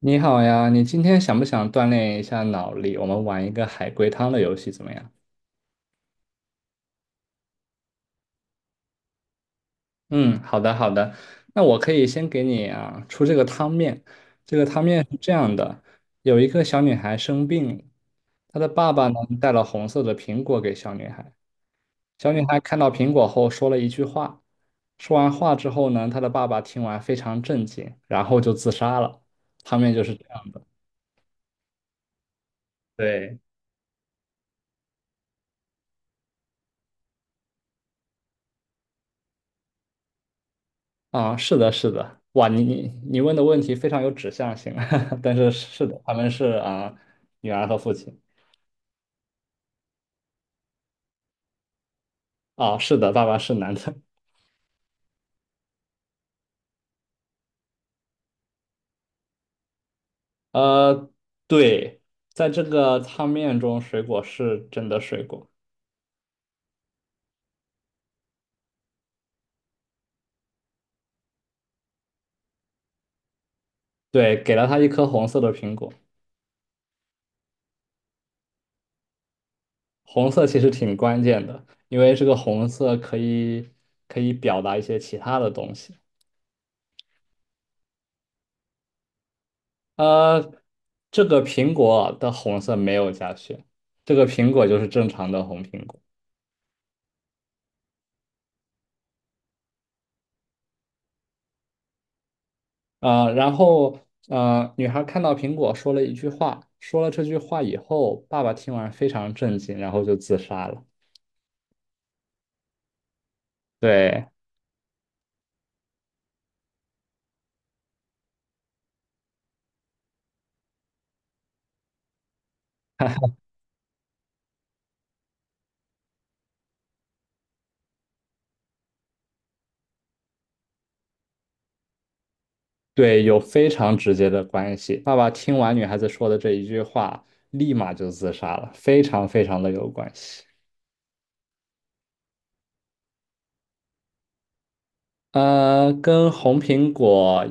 你好呀，你今天想不想锻炼一下脑力？我们玩一个海龟汤的游戏怎么样？嗯，好的好的。那我可以先给你出这个汤面。这个汤面是这样的：有一个小女孩生病了，她的爸爸呢带了红色的苹果给小女孩。小女孩看到苹果后说了一句话，说完话之后呢，她的爸爸听完非常震惊，然后就自杀了。汤面就是这样的。对。啊，是的，是的，哇，你问的问题非常有指向性，但是是的，他们是女儿和父亲。啊，是的，爸爸是男的。呃，对，在这个汤面中，水果是真的水果。对，给了他一颗红色的苹果。红色其实挺关键的，因为这个红色可以可以表达一些其他的东西。呃，这个苹果的红色没有加血，这个苹果就是正常的红苹果。然后女孩看到苹果说了一句话，说了这句话以后，爸爸听完非常震惊，然后就自杀了。对。对，有非常直接的关系。爸爸听完女孩子说的这一句话，立马就自杀了，非常非常的有关系。跟红苹果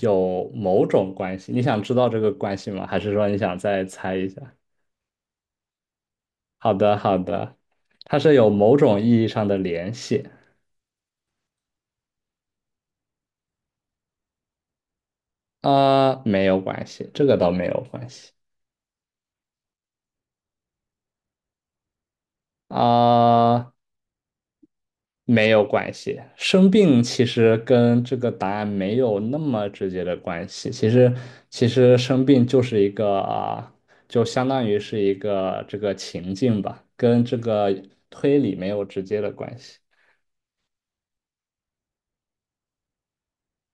有某种关系，你想知道这个关系吗？还是说你想再猜一下？好的，好的，它是有某种意义上的联系。啊，没有关系，这个倒没有关系。啊，没有关系。生病其实跟这个答案没有那么直接的关系。其实，其实生病就是一个就相当于是一个这个情境吧，跟这个推理没有直接的关系。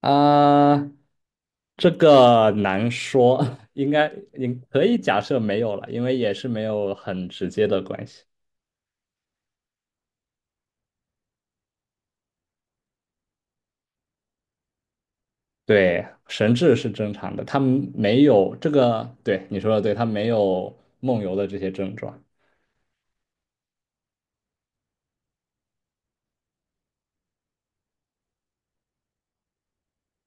啊，这个难说，应该你可以假设没有了，因为也是没有很直接的关系。对，神志是正常的，他们没有这个，对，你说的对，他没有梦游的这些症状。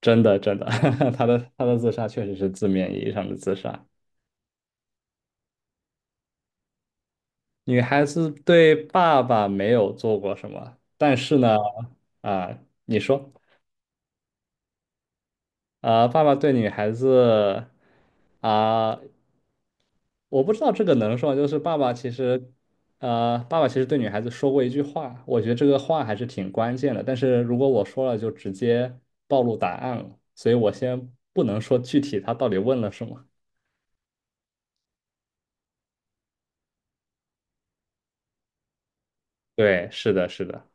真的真的，他的自杀确实是字面意义上的自杀。女孩子对爸爸没有做过什么，但是呢，啊、你说。爸爸对女孩子啊、我不知道这个能说吗，就是爸爸其实，爸爸其实对女孩子说过一句话，我觉得这个话还是挺关键的。但是如果我说了，就直接暴露答案了，所以我先不能说具体他到底问了什么。对，是的，是的。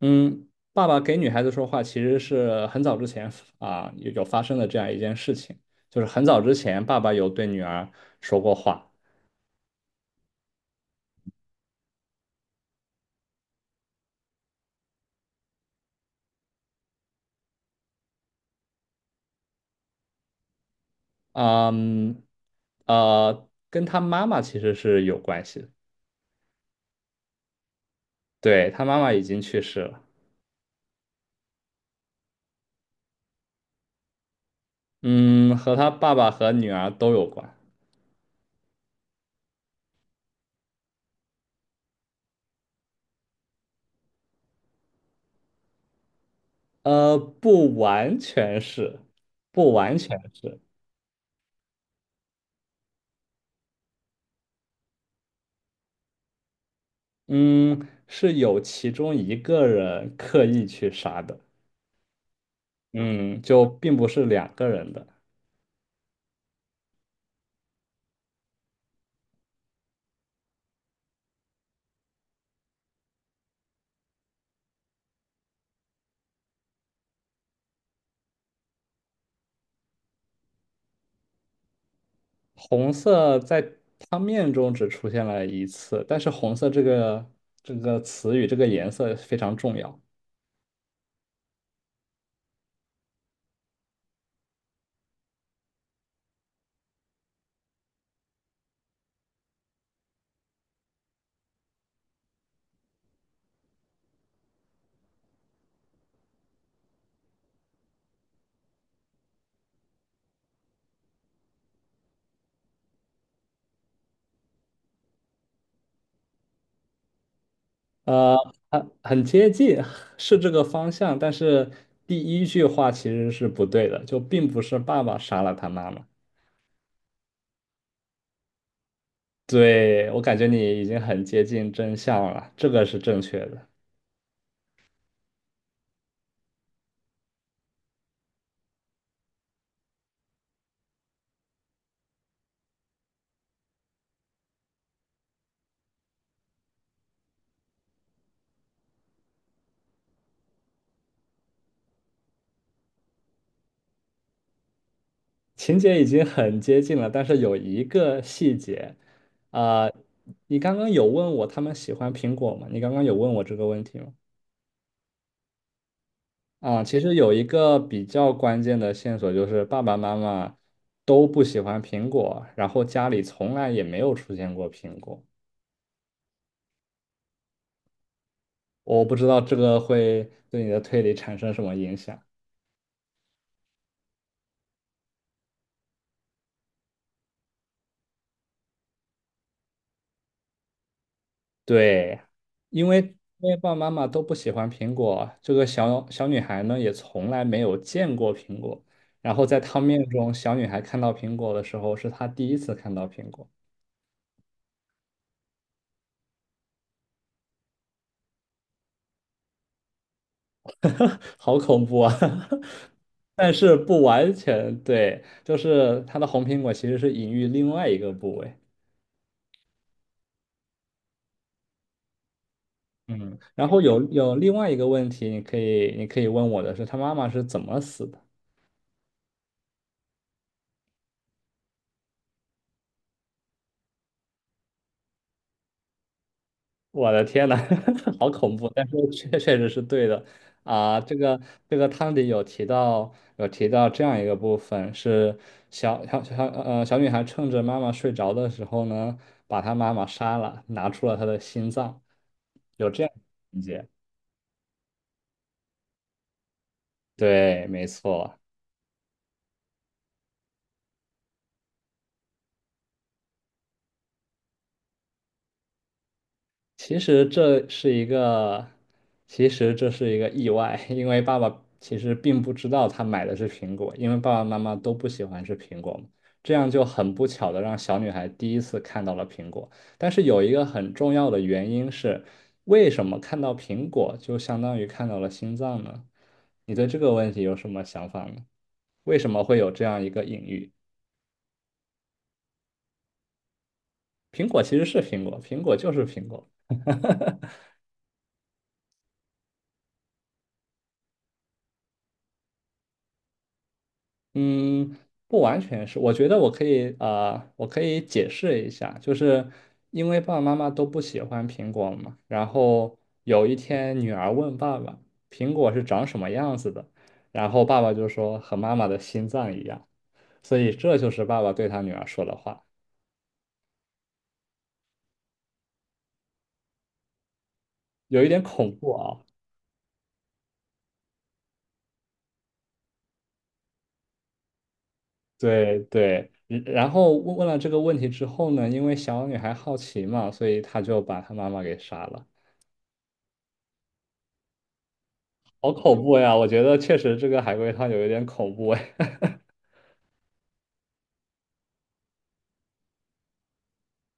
嗯，爸爸给女孩子说话其实是很早之前有发生的这样一件事情，就是很早之前爸爸有对女儿说过话。嗯，跟他妈妈其实是有关系的。对，他妈妈已经去世了。嗯，和他爸爸和女儿都有关。不完全是，不完全是。嗯，是有其中一个人刻意去杀的。嗯，就并不是两个人的。红色在他面中只出现了一次，但是红色这个这个词语这个颜色非常重要。呃，很很接近，是这个方向，但是第一句话其实是不对的，就并不是爸爸杀了他妈妈。对，我感觉你已经很接近真相了，这个是正确的。情节已经很接近了，但是有一个细节。啊、你刚刚有问我他们喜欢苹果吗？你刚刚有问我这个问题吗？其实有一个比较关键的线索就是爸爸妈妈都不喜欢苹果，然后家里从来也没有出现过苹果。我不知道这个会对你的推理产生什么影响。对，因为因为爸爸妈妈都不喜欢苹果，这个小小女孩呢也从来没有见过苹果。然后在汤面中，小女孩看到苹果的时候，是她第一次看到苹果。好恐怖啊！但是不完全对，就是它的红苹果其实是隐喻另外一个部位。嗯，然后有另外一个问题，你可以问我的是，她妈妈是怎么死的？我的天呐，好恐怖！但是确实是对的啊。这个汤里有提到这样一个部分是小女孩趁着妈妈睡着的时候呢，把她妈妈杀了，拿出了她的心脏，有这样一节。对，没错。其实这是一个，其实这是一个意外，因为爸爸其实并不知道他买的是苹果，因为爸爸妈妈都不喜欢吃苹果嘛，这样就很不巧的让小女孩第一次看到了苹果。但是有一个很重要的原因是，为什么看到苹果就相当于看到了心脏呢？你对这个问题有什么想法呢？为什么会有这样一个隐喻？苹果其实是苹果，苹果就是苹果。嗯，不完全是，我觉得我可以，我可以解释一下，就是因为爸爸妈妈都不喜欢苹果嘛，然后有一天女儿问爸爸，苹果是长什么样子的，然后爸爸就说和妈妈的心脏一样，所以这就是爸爸对他女儿说的话。有一点恐怖啊。对对，嗯然后问了这个问题之后呢，因为小女孩好奇嘛，所以她就把她妈妈给杀了。好恐怖呀！我觉得确实这个海龟汤有一点恐怖哎。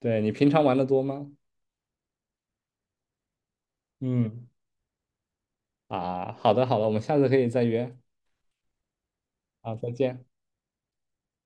对，你平常玩的多吗？嗯，啊，好的好的，我们下次可以再约。好，再见。